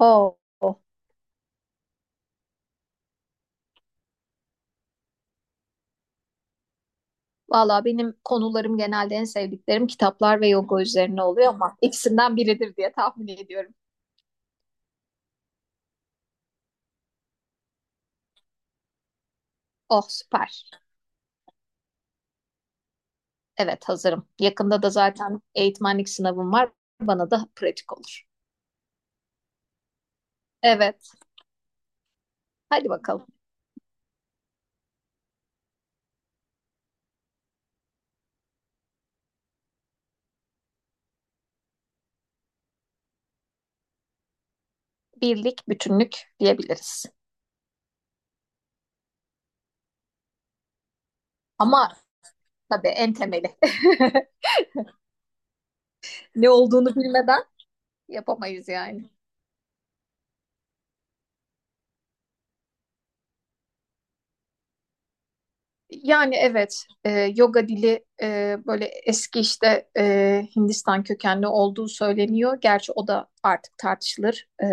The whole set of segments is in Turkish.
Oo. Valla benim konularım genelde en sevdiklerim kitaplar ve yoga üzerine oluyor ama ikisinden biridir diye tahmin ediyorum. Oh süper. Evet hazırım. Yakında da zaten eğitmenlik sınavım var. Bana da pratik olur. Evet. Hadi bakalım. Birlik, bütünlük diyebiliriz. Ama tabii en temeli. Ne olduğunu bilmeden yapamayız yani. Yani evet, yoga dili böyle eski işte Hindistan kökenli olduğu söyleniyor. Gerçi o da artık tartışılır.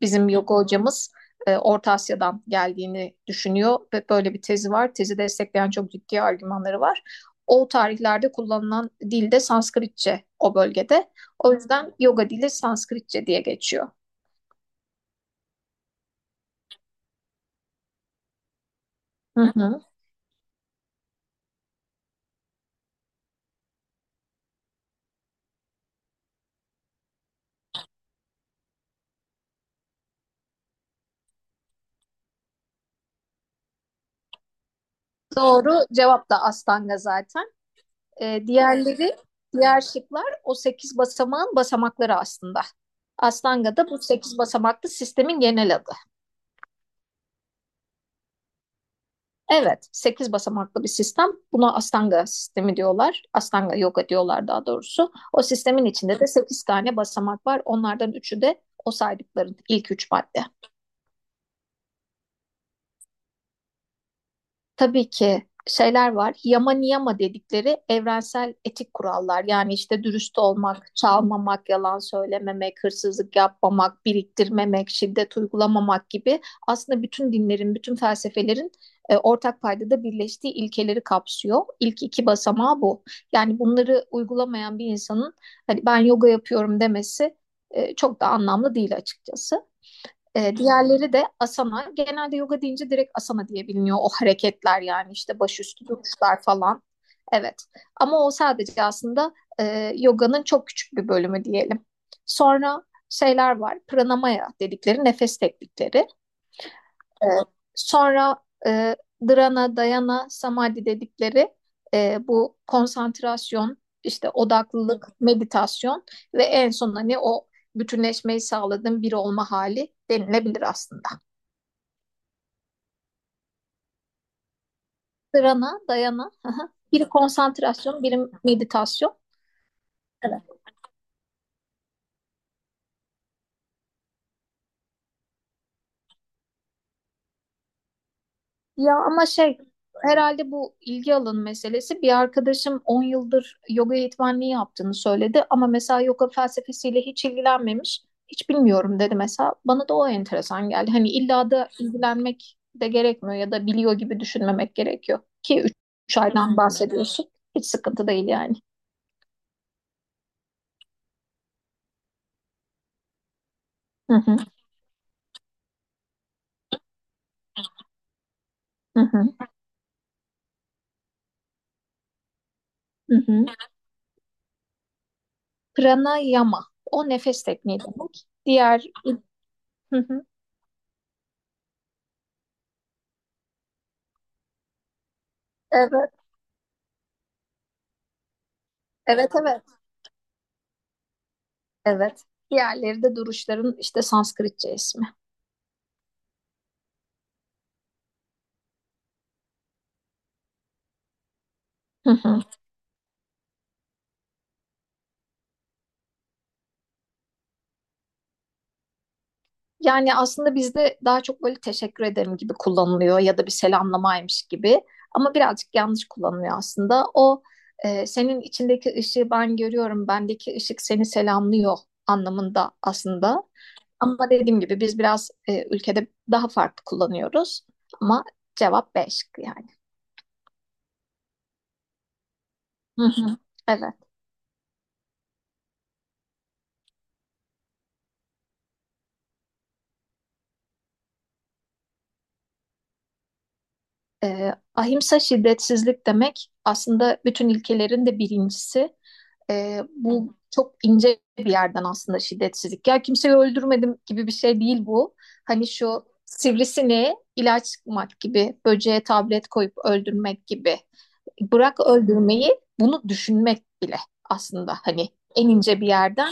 Bizim yoga hocamız Orta Asya'dan geldiğini düşünüyor ve böyle bir tezi var. Tezi destekleyen çok ciddi argümanları var. O tarihlerde kullanılan dil de Sanskritçe o bölgede. O yüzden yoga dili Sanskritçe diye geçiyor. Hı hı. Doğru cevap da Astanga zaten. Ee, diğerleri, Diğer şıklar o 8 basamağın basamakları aslında. Astanga da bu 8 basamaklı sistemin genel adı. Evet, 8 basamaklı bir sistem. Buna Astanga sistemi diyorlar. Astanga yoga diyorlar daha doğrusu. O sistemin içinde de 8 tane basamak var. Onlardan üçü de o saydıkların ilk üç madde. Tabii ki şeyler var. Yama niyama dedikleri evrensel etik kurallar. Yani işte dürüst olmak, çalmamak, yalan söylememek, hırsızlık yapmamak, biriktirmemek, şiddet uygulamamak gibi aslında bütün dinlerin, bütün felsefelerin ortak paydada birleştiği ilkeleri kapsıyor. İlk iki basamağı bu. Yani bunları uygulamayan bir insanın hani ben yoga yapıyorum demesi çok da anlamlı değil açıkçası. Diğerleri de asana. Genelde yoga deyince direkt asana diye biliniyor o hareketler yani işte başüstü duruşlar falan. Evet ama o sadece aslında yoganın çok küçük bir bölümü diyelim. Sonra şeyler var pranamaya dedikleri nefes teknikleri. Evet. Sonra e, dhrana, dayana, samadhi dedikleri bu konsantrasyon, işte odaklılık, meditasyon ve en son hani o bütünleşmeyi sağladığın bir olma hali denilebilir aslında. Sırana, dayana. Aha. Biri konsantrasyon, biri meditasyon. Evet. Ya ama şey herhalde bu ilgi alanı meselesi bir arkadaşım 10 yıldır yoga eğitmenliği yaptığını söyledi ama mesela yoga felsefesiyle hiç ilgilenmemiş. Hiç bilmiyorum dedi mesela. Bana da o enteresan geldi. Hani illa da ilgilenmek de gerekmiyor ya da biliyor gibi düşünmemek gerekiyor. Ki üç aydan bahsediyorsun. Hiç sıkıntı değil yani. Hı hı, hı hı, hı hı. Pranayama. O nefes tekniği demek. Diğer. Hı hı. Evet, evet, evet, evet. Diğerleri de duruşların işte Sanskritçe ismi. Hı hı. Yani aslında bizde daha çok böyle teşekkür ederim gibi kullanılıyor ya da bir selamlamaymış gibi. Ama birazcık yanlış kullanılıyor aslında. O, senin içindeki ışığı ben görüyorum, bendeki ışık seni selamlıyor anlamında aslında. Ama dediğim gibi biz biraz ülkede daha farklı kullanıyoruz. Ama cevap B şıkkı yani. Hı hı. Evet. Ahimsa şiddetsizlik demek aslında bütün ilkelerin de birincisi. Bu çok ince bir yerden aslında şiddetsizlik. Ya kimseyi öldürmedim gibi bir şey değil bu. Hani şu sivrisineğe ilaç sıkmak gibi, böceğe tablet koyup öldürmek gibi. Bırak öldürmeyi, bunu düşünmek bile aslında hani en ince bir yerden.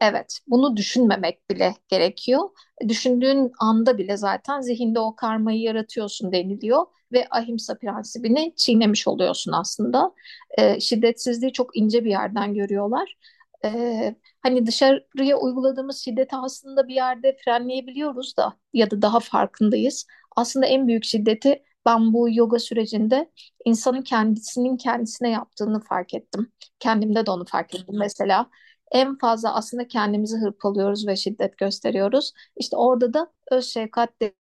Evet, bunu düşünmemek bile gerekiyor. Düşündüğün anda bile zaten zihinde o karmayı yaratıyorsun deniliyor ve ahimsa prensibini çiğnemiş oluyorsun aslında. Şiddetsizliği çok ince bir yerden görüyorlar. Ee, Hani dışarıya uyguladığımız şiddeti aslında bir yerde frenleyebiliyoruz da ya da daha farkındayız. Aslında en büyük şiddeti ben bu yoga sürecinde insanın kendisinin kendisine yaptığını fark ettim. Kendimde de onu fark ettim mesela en fazla aslında kendimizi hırpalıyoruz ve şiddet gösteriyoruz. İşte orada da öz şefkat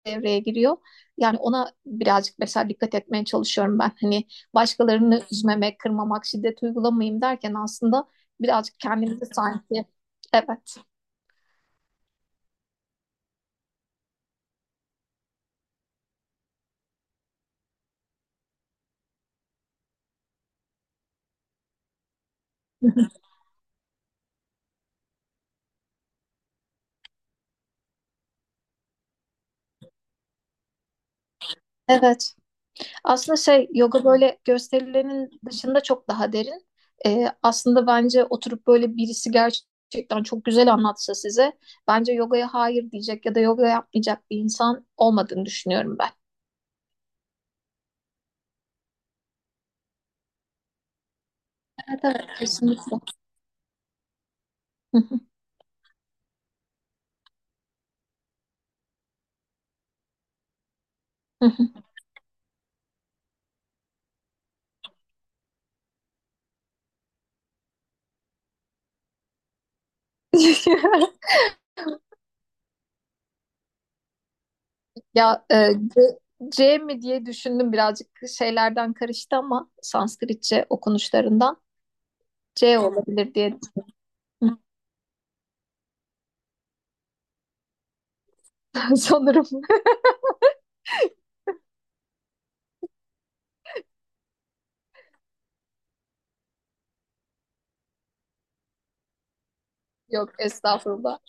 devreye giriyor. Yani ona birazcık mesela dikkat etmeye çalışıyorum ben. Hani başkalarını üzmemek, kırmamak, şiddet uygulamayayım derken aslında birazcık kendimizi sanki evet. Evet. Aslında şey yoga böyle gösterilerin dışında çok daha derin. Aslında bence oturup böyle birisi gerçekten çok güzel anlatsa size bence yogaya hayır diyecek ya da yoga yapmayacak bir insan olmadığını düşünüyorum ben. Evet, evet, kesinlikle. Ya C, C mi diye düşündüm birazcık şeylerden karıştı ama Sanskritçe okunuşlarından C olabilir diye sanırım. Yok estağfurullah.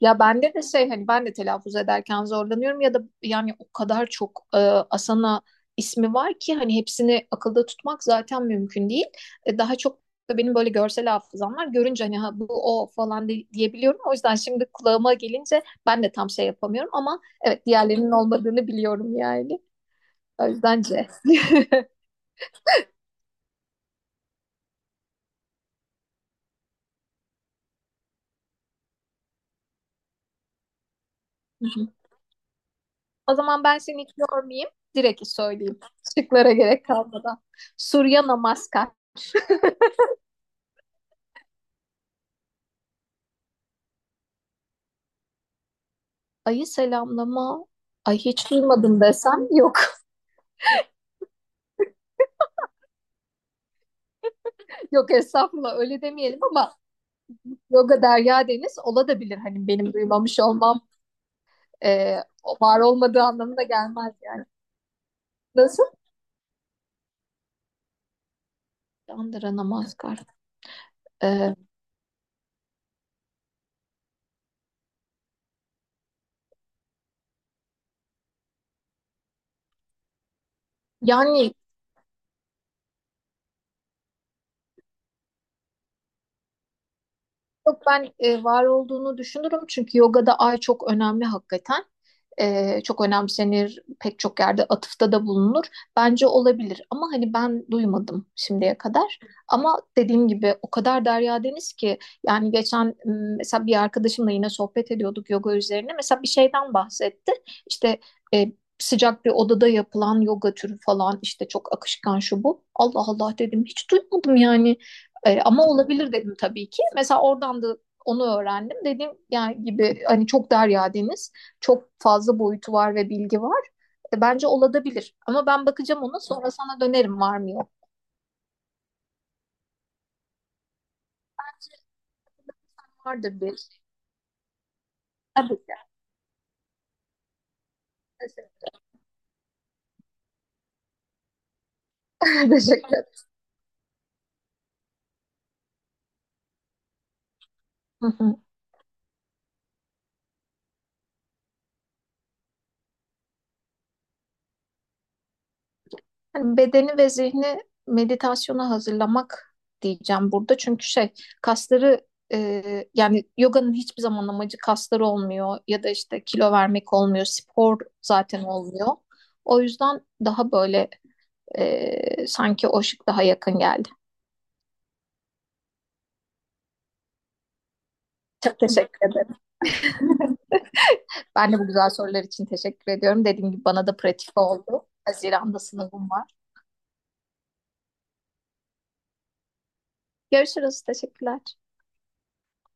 Ya bende de şey hani ben de telaffuz ederken zorlanıyorum ya da yani o kadar çok Asana ismi var ki hani hepsini akılda tutmak zaten mümkün değil. Daha çok da benim böyle görsel hafızam var. Görünce hani ha, bu o falan diyebiliyorum. O yüzden şimdi kulağıma gelince ben de tam şey yapamıyorum ama evet diğerlerinin olmadığını biliyorum yani. O yüzden C. Hı hı. O zaman ben seni hiç yormayayım. Direkt söyleyeyim. Şıklara gerek kalmadan. Surya Namaskar. Ayı selamlama. Ay hiç duymadım desem yok. Yok estağfurullah öyle demeyelim ama yoga derya deniz olabilir. Hani benim duymamış olmam e, var olmadığı anlamına gelmez yani. Nasıl? Chandra Namaskar. E, yani Yok, ben var olduğunu düşünürüm çünkü yogada ay çok önemli hakikaten. Çok önemsenir pek çok yerde atıfta da bulunur. Bence olabilir ama hani ben duymadım şimdiye kadar. Ama dediğim gibi o kadar derya deniz ki yani geçen mesela bir arkadaşımla yine sohbet ediyorduk yoga üzerine. Mesela bir şeyden bahsetti. İşte e, sıcak bir odada yapılan yoga türü falan işte çok akışkan şu bu. Allah Allah dedim hiç duymadım yani. Ama olabilir dedim tabii ki. Mesela oradan da onu öğrendim. Dediğim yani gibi hani çok derya deniz, çok fazla boyutu var ve bilgi var. Bence olabilir. Ama ben bakacağım ona sonra sana dönerim var mı yok. Vardır bir. Tabii ki. Teşekkür ederim. Hı hı. Hani bedeni ve zihni meditasyona hazırlamak diyeceğim burada. Çünkü şey kasları yani yoganın hiçbir zaman amacı kasları olmuyor ya da işte kilo vermek olmuyor, spor zaten olmuyor. O yüzden daha böyle sanki o şık daha yakın geldi. Çok teşekkür ederim. Ben de bu güzel sorular için teşekkür ediyorum. Dediğim gibi bana da pratik oldu. Haziran'da sınavım var. Görüşürüz. Teşekkürler.